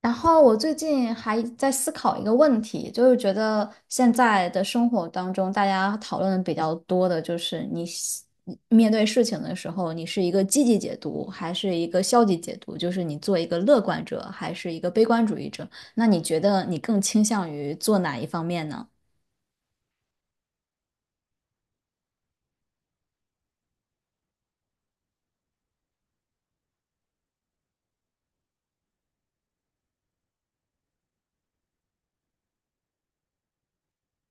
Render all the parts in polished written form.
然后我最近还在思考一个问题，就是觉得现在的生活当中，大家讨论的比较多的就是你面对事情的时候，你是一个积极解读还是一个消极解读？就是你做一个乐观者还是一个悲观主义者？那你觉得你更倾向于做哪一方面呢？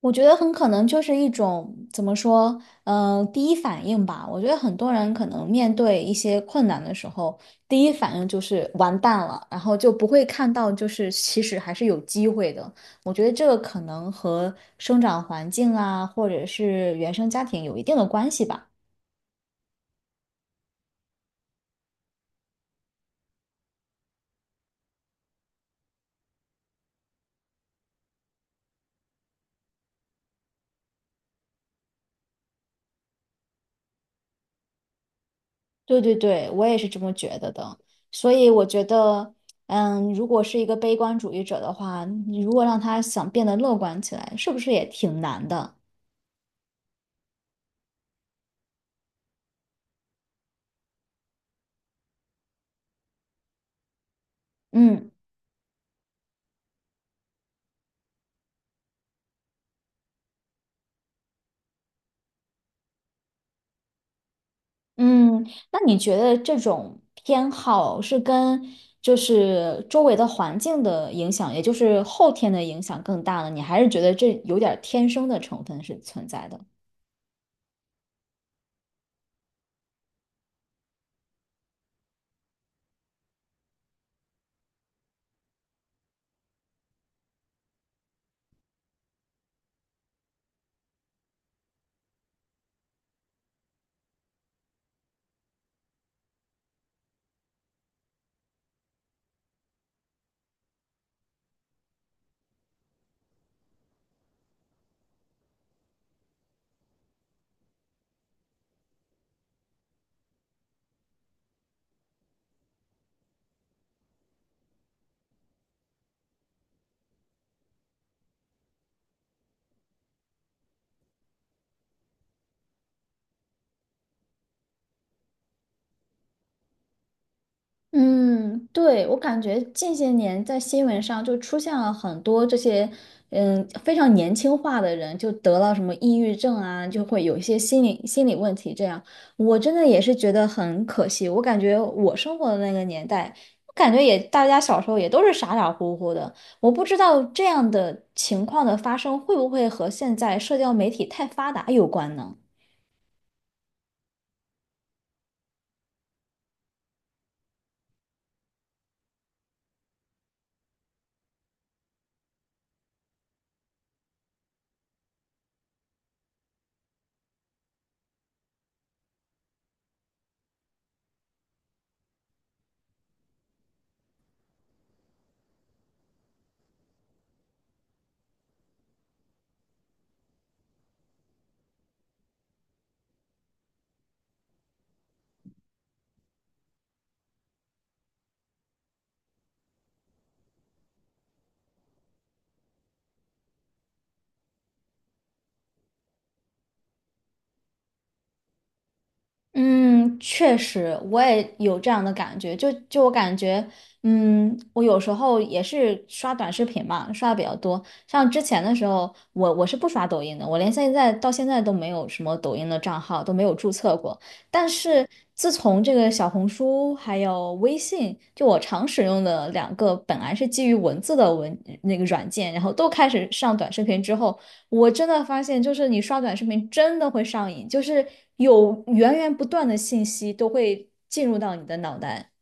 我觉得很可能就是一种怎么说，第一反应吧。我觉得很多人可能面对一些困难的时候，第一反应就是完蛋了，然后就不会看到就是其实还是有机会的。我觉得这个可能和生长环境啊，或者是原生家庭有一定的关系吧。对对对，我也是这么觉得的。所以我觉得，嗯，如果是一个悲观主义者的话，你如果让他想变得乐观起来，是不是也挺难的？嗯。嗯，那你觉得这种偏好是跟就是周围的环境的影响，也就是后天的影响更大呢？你还是觉得这有点儿天生的成分是存在的？嗯，对，我感觉近些年在新闻上就出现了很多这些，嗯，非常年轻化的人，就得了什么抑郁症啊，就会有一些心理问题。这样，我真的也是觉得很可惜。我感觉我生活的那个年代，我感觉也大家小时候也都是傻傻乎乎的。我不知道这样的情况的发生会不会和现在社交媒体太发达有关呢？嗯，确实，我也有这样的感觉。就我感觉，嗯，我有时候也是刷短视频嘛，刷的比较多。像之前的时候，我是不刷抖音的，我连现在到现在都没有什么抖音的账号，都没有注册过。但是自从这个小红书还有微信，就我常使用的两个本来是基于文字的那个软件，然后都开始上短视频之后，我真的发现，就是你刷短视频真的会上瘾，就是有源源不断的信息都会进入到你的脑袋。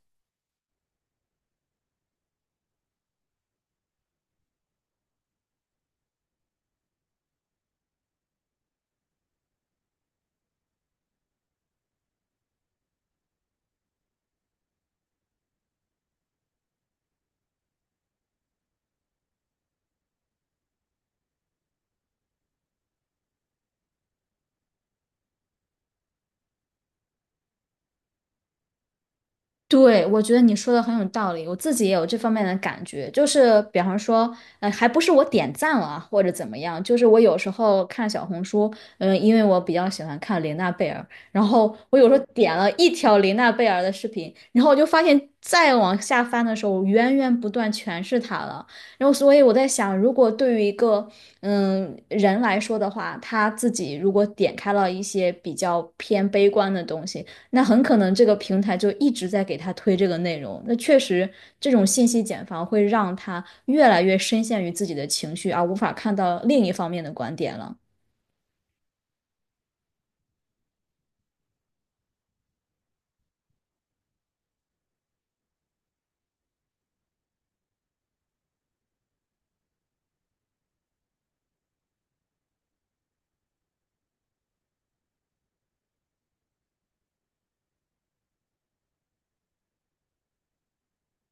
对，我觉得你说的很有道理，我自己也有这方面的感觉，就是比方说，还不是我点赞了啊或者怎么样，就是我有时候看小红书，嗯，因为我比较喜欢看琳娜贝尔，然后我有时候点了一条琳娜贝尔的视频，然后我就发现再往下翻的时候，源源不断全是她了，然后所以我在想，如果对于一个嗯人来说的话，他自己如果点开了一些比较偏悲观的东西。那很可能这个平台就一直在给他推这个内容。那确实，这种信息茧房会让他越来越深陷于自己的情绪，而无法看到另一方面的观点了。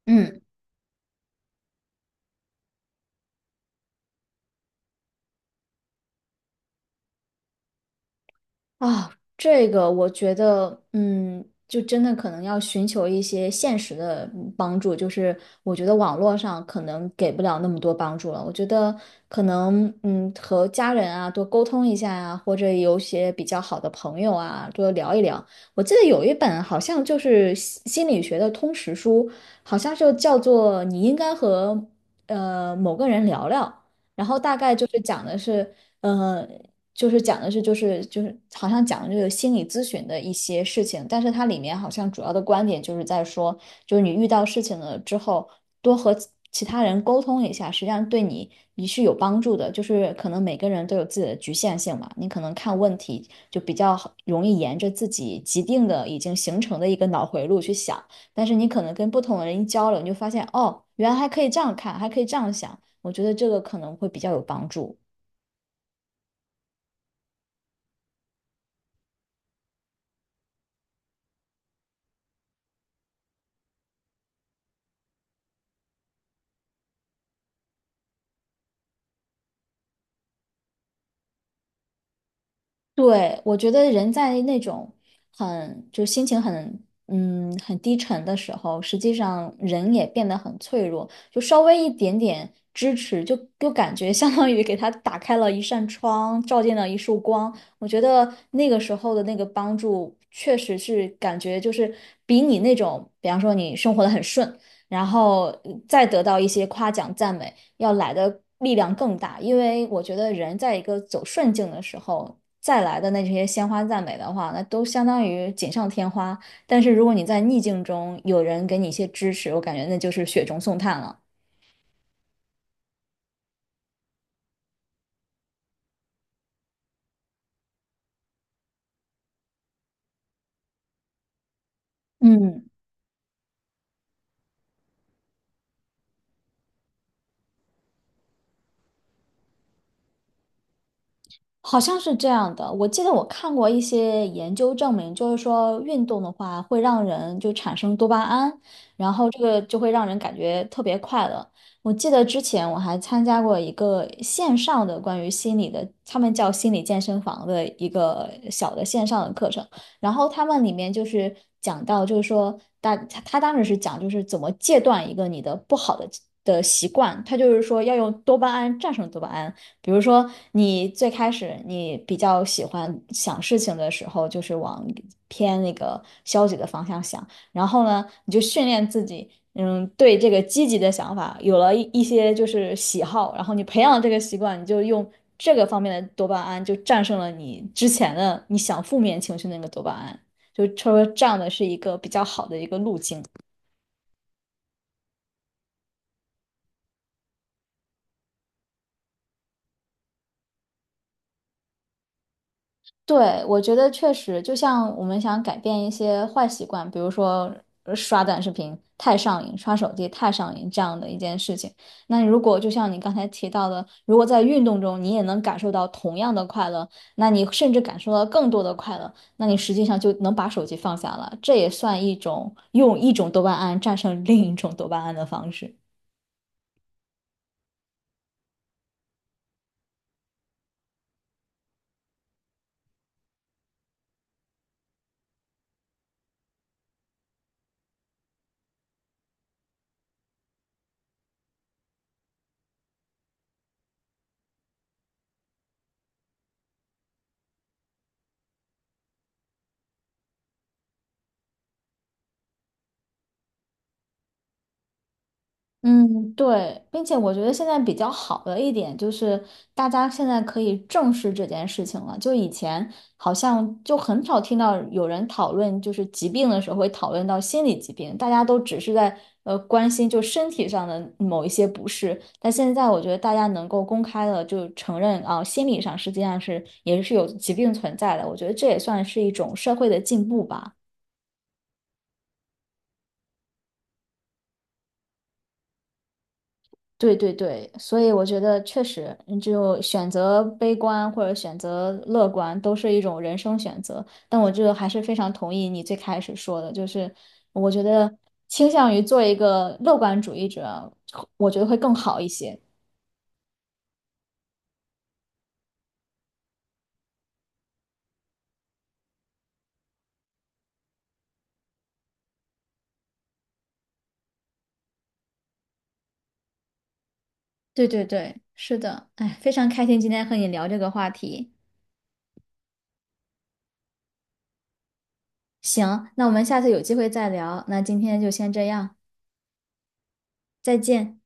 嗯。啊，这个我觉得，嗯，就真的可能要寻求一些现实的嗯帮助，就是我觉得网络上可能给不了那么多帮助了。我觉得可能，嗯，和家人啊多沟通一下呀、或者有些比较好的朋友啊多聊一聊。我记得有一本好像就是心理学的通识书，好像就叫做《你应该和某个人聊聊》，然后大概就是讲的是。嗯。就是讲的是就是好像讲的就是心理咨询的一些事情，但是它里面好像主要的观点就是在说，就是你遇到事情了之后，多和其他人沟通一下，实际上对你是有帮助的。就是可能每个人都有自己的局限性嘛，你可能看问题就比较好容易沿着自己既定的已经形成的一个脑回路去想，但是你可能跟不同的人一交流，你就发现哦，原来还可以这样看，还可以这样想，我觉得这个可能会比较有帮助。对，我觉得人在那种心情很嗯很低沉的时候，实际上人也变得很脆弱，就稍微一点点支持，就感觉相当于给他打开了一扇窗，照进了一束光。我觉得那个时候的那个帮助，确实是感觉就是比你那种，比方说你生活的很顺，然后再得到一些夸奖赞美。要来的力量更大，因为我觉得人在一个走顺境的时候，再来的那些鲜花赞美的话，那都相当于锦上添花。但是如果你在逆境中有人给你一些支持，我感觉那就是雪中送炭了。嗯。好像是这样的，我记得我看过一些研究证明，就是说运动的话会让人就产生多巴胺，然后这个就会让人感觉特别快乐。我记得之前我还参加过一个线上的关于心理的，他们叫心理健身房的一个小的线上的课程，然后他们里面就是讲到，就是说大他当时是讲就是怎么戒断一个你的不好的的习惯，他就是说要用多巴胺战胜多巴胺。比如说，你最开始你比较喜欢想事情的时候，就是往偏那个消极的方向想，然后呢，你就训练自己，嗯，对这个积极的想法有了一些就是喜好，然后你培养了这个习惯，你就用这个方面的多巴胺就战胜了你之前的你想负面情绪那个多巴胺，就说这样的是一个比较好的一个路径。对，我觉得确实，就像我们想改变一些坏习惯，比如说刷短视频太上瘾、刷手机太上瘾这样的一件事情。那如果就像你刚才提到的，如果在运动中你也能感受到同样的快乐，那你甚至感受到更多的快乐，那你实际上就能把手机放下了。这也算一种用一种多巴胺战胜另一种多巴胺的方式。嗯，对，并且我觉得现在比较好的一点就是，大家现在可以正视这件事情了。就以前好像就很少听到有人讨论，就是疾病的时候会讨论到心理疾病，大家都只是在关心就身体上的某一些不适。但现在我觉得大家能够公开的就承认啊，心理上实际上是也是有疾病存在的。我觉得这也算是一种社会的进步吧。对对对，所以我觉得确实，嗯就选择悲观或者选择乐观都是一种人生选择。但我这还是非常同意你最开始说的，就是我觉得倾向于做一个乐观主义者，我觉得会更好一些。对对对，是的，哎，非常开心今天和你聊这个话题。行，那我们下次有机会再聊。那今天就先这样，再见。